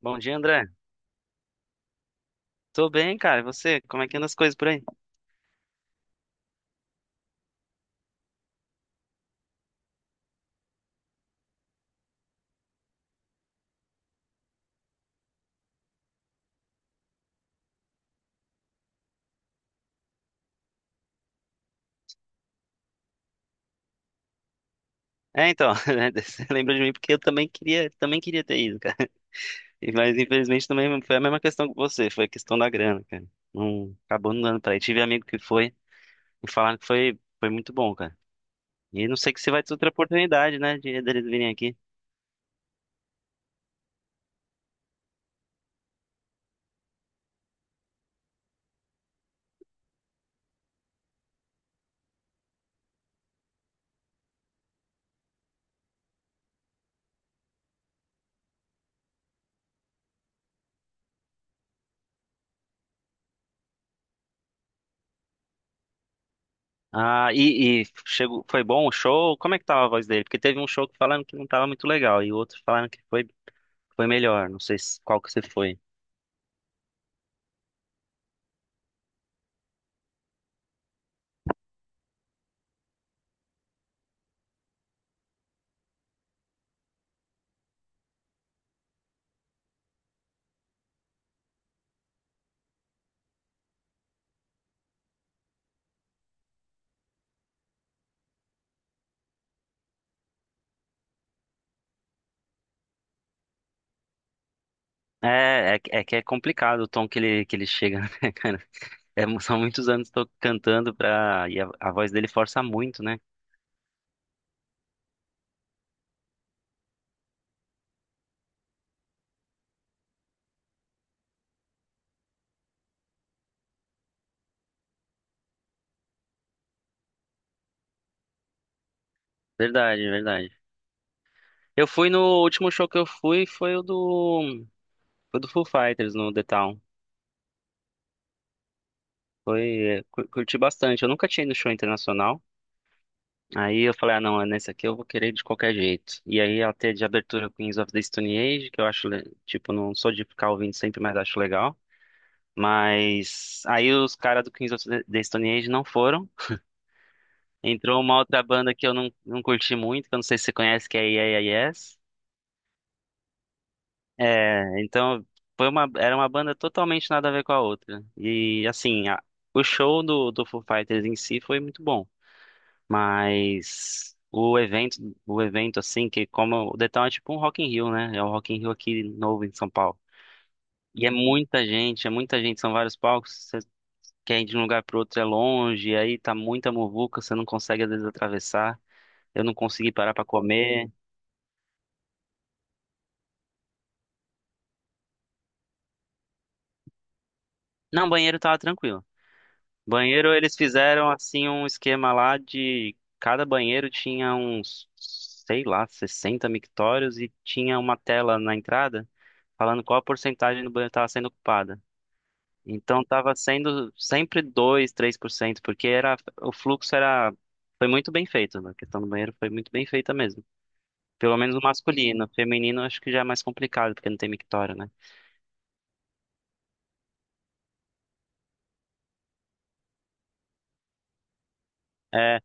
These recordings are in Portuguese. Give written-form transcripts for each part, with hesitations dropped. Bom dia, André. Tô bem, cara. E você? Como é que anda as coisas por aí? Né, você lembra de mim porque eu também queria, ter ido, cara. Mas infelizmente também foi a mesma questão que você, foi a questão da grana, cara. Não, acabou não dando pra ir. Tive amigo que foi e falaram que foi muito bom, cara. E não sei que se vai ter outra oportunidade, né, de deles virem aqui. E chegou, foi bom o show? Como é que tava a voz dele? Porque teve um show que falaram que não tava muito legal e outro falaram que foi melhor. Não sei qual que você foi. Que é complicado o tom que que ele chega, né, cara? É, são muitos anos que tô cantando pra. E a voz dele força muito, né? Verdade, verdade. Eu fui no o último show que eu fui, foi o do. Foi do Foo Fighters no The Town. Foi. Curti bastante. Eu nunca tinha ido no show internacional. Aí eu falei, ah, não, é nesse aqui eu vou querer de qualquer jeito. E aí até de abertura Queens of the Stone Age, que eu acho, tipo, não sou de ficar ouvindo sempre, mas acho legal. Mas aí os caras do Queens of the Stone Age não foram. Entrou uma outra banda que eu não curti muito, que eu não sei se você conhece, que é Yeah Yeah Yes. É, então foi era uma banda totalmente nada a ver com a outra. E assim, o show do Foo Fighters em si foi muito bom, mas o evento assim, que como o Detal é tipo um Rock in Rio, né? É o Rock in Rio aqui novo em São Paulo. E é muita gente, são vários palcos, você quer ir de um lugar pro outro é longe, aí tá muita muvuca, você não consegue às vezes atravessar. Eu não consegui parar pra comer. Não, banheiro tava tranquilo. Banheiro eles fizeram assim um esquema lá de cada banheiro tinha uns, sei lá, 60 mictórios e tinha uma tela na entrada falando qual a porcentagem do banheiro estava sendo ocupada. Então estava sendo sempre 2, 3%, porque era o fluxo era foi muito bem feito, né? A questão do banheiro foi muito bem feita mesmo. Pelo menos o masculino, o feminino acho que já é mais complicado porque não tem mictório, né? É,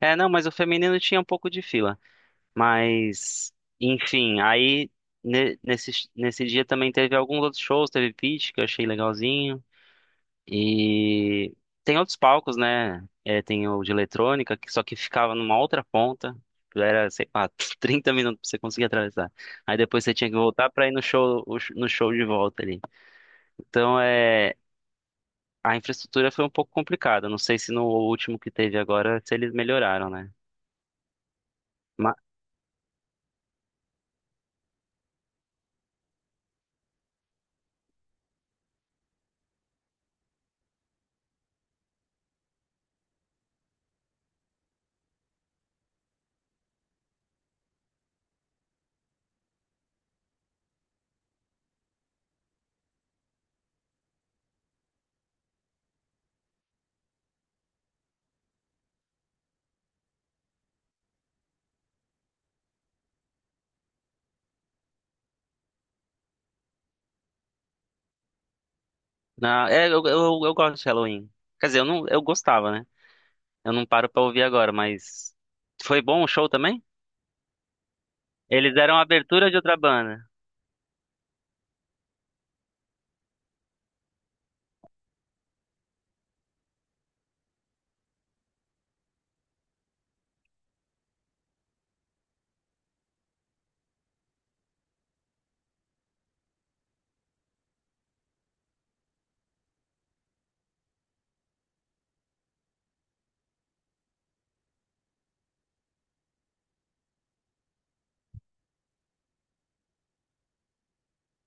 não, mas o feminino tinha um pouco de fila. Mas, enfim, aí nesse dia também teve alguns outros shows, teve Pitty, que eu achei legalzinho. E tem outros palcos, né? É, tem o de eletrônica, que só que ficava numa outra ponta. Era, sei lá, 30 minutos pra você conseguir atravessar. Aí depois você tinha que voltar pra ir no show, no show de volta ali. Então, é, a infraestrutura foi um pouco complicada. Não sei se no último que teve agora, se eles melhoraram, né? Mas, na, é, eu gosto de Halloween. Quer dizer, eu gostava, né? Eu não paro pra ouvir agora, mas. Foi bom o show também? Eles deram a abertura de outra banda.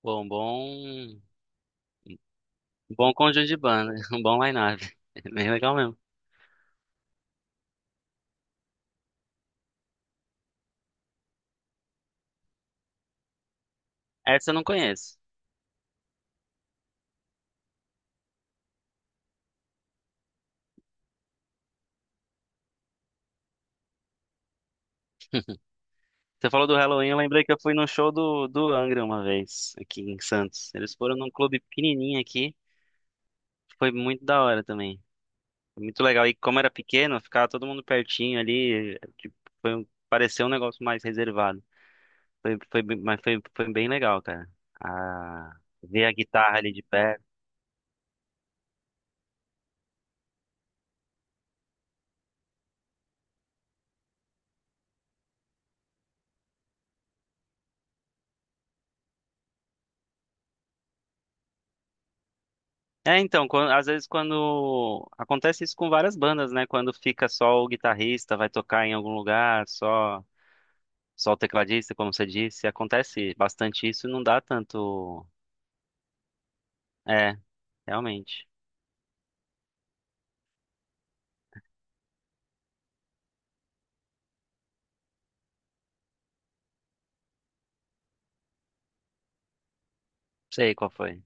Bom, bom. Bom conjunto de banda. Um bom line-up. Bem legal mesmo. Essa eu não conheço. Você falou do Halloween, eu lembrei que eu fui no show do Angra uma vez, aqui em Santos. Eles foram num clube pequenininho aqui. Foi muito da hora também. Foi muito legal. E como era pequeno, ficava todo mundo pertinho ali. Tipo, pareceu um negócio mais reservado. Mas foi, foi bem legal, cara. Ah, ver a guitarra ali de perto. Às vezes quando. Acontece isso com várias bandas, né? Quando fica só o guitarrista, vai tocar em algum lugar, só o tecladista, como você disse. Acontece bastante isso e não dá tanto. É, realmente. Sei qual foi.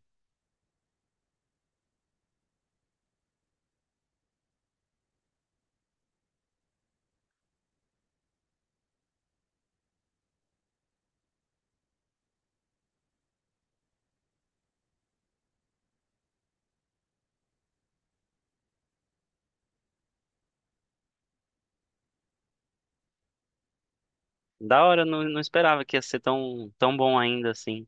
Da hora, não, não esperava que ia ser tão bom ainda assim.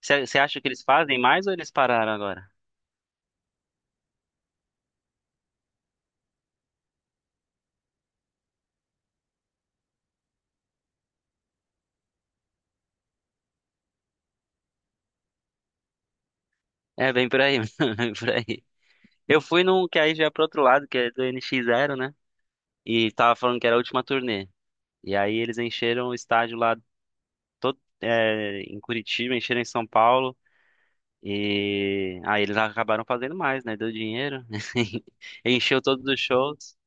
Você acha que eles fazem mais ou eles pararam agora? É, bem por aí, bem por aí. Eu fui num que aí já é pro outro lado, que é do NX Zero, né? E tava falando que era a última turnê. E aí eles encheram o estádio lá todo, é, em Curitiba, encheram em São Paulo. E aí eles acabaram fazendo mais, né? Deu dinheiro. Encheu todos os shows.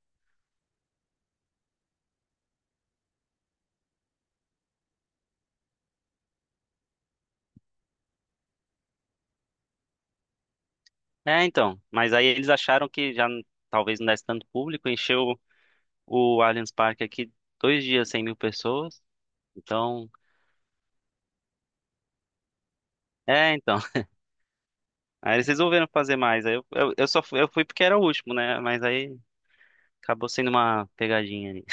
É, então. Mas aí eles acharam que talvez não desse tanto público. Encheu o Allianz Parque aqui dois dias, 100 mil pessoas. Então. É, então. Aí eles resolveram fazer mais. Eu só fui, eu fui porque era o último, né? Mas aí. Acabou sendo uma pegadinha ali.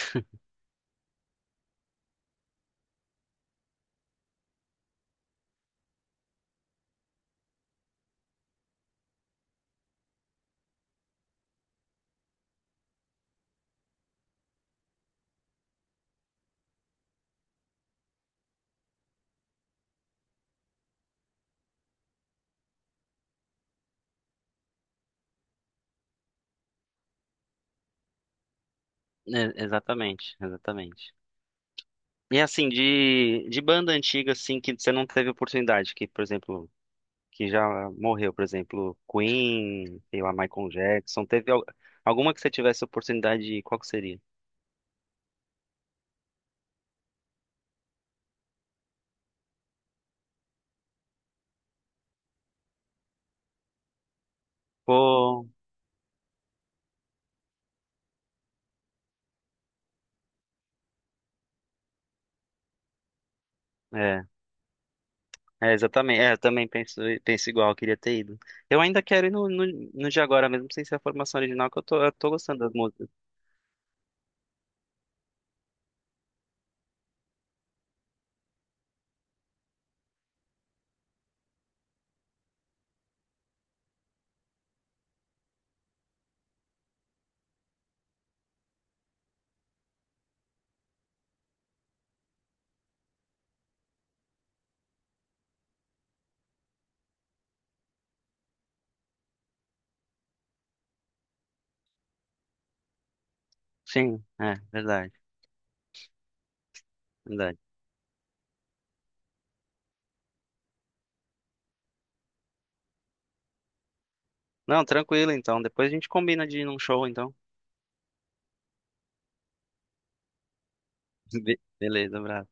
É, exatamente, exatamente. E assim, de banda antiga, assim, que você não teve oportunidade, que, por exemplo, que já morreu, por exemplo, Queen, sei lá, Michael Jackson, teve alguma que você tivesse oportunidade de ir, qual que seria? Pô, é, exatamente, é, eu também penso, penso igual, eu queria ter ido. Eu ainda quero ir no de agora, mesmo sem ser a formação original, que eu tô gostando das músicas. Sim, é, verdade, verdade. Não, tranquilo, então, depois a gente combina de ir num show, então. Beleza, abraço.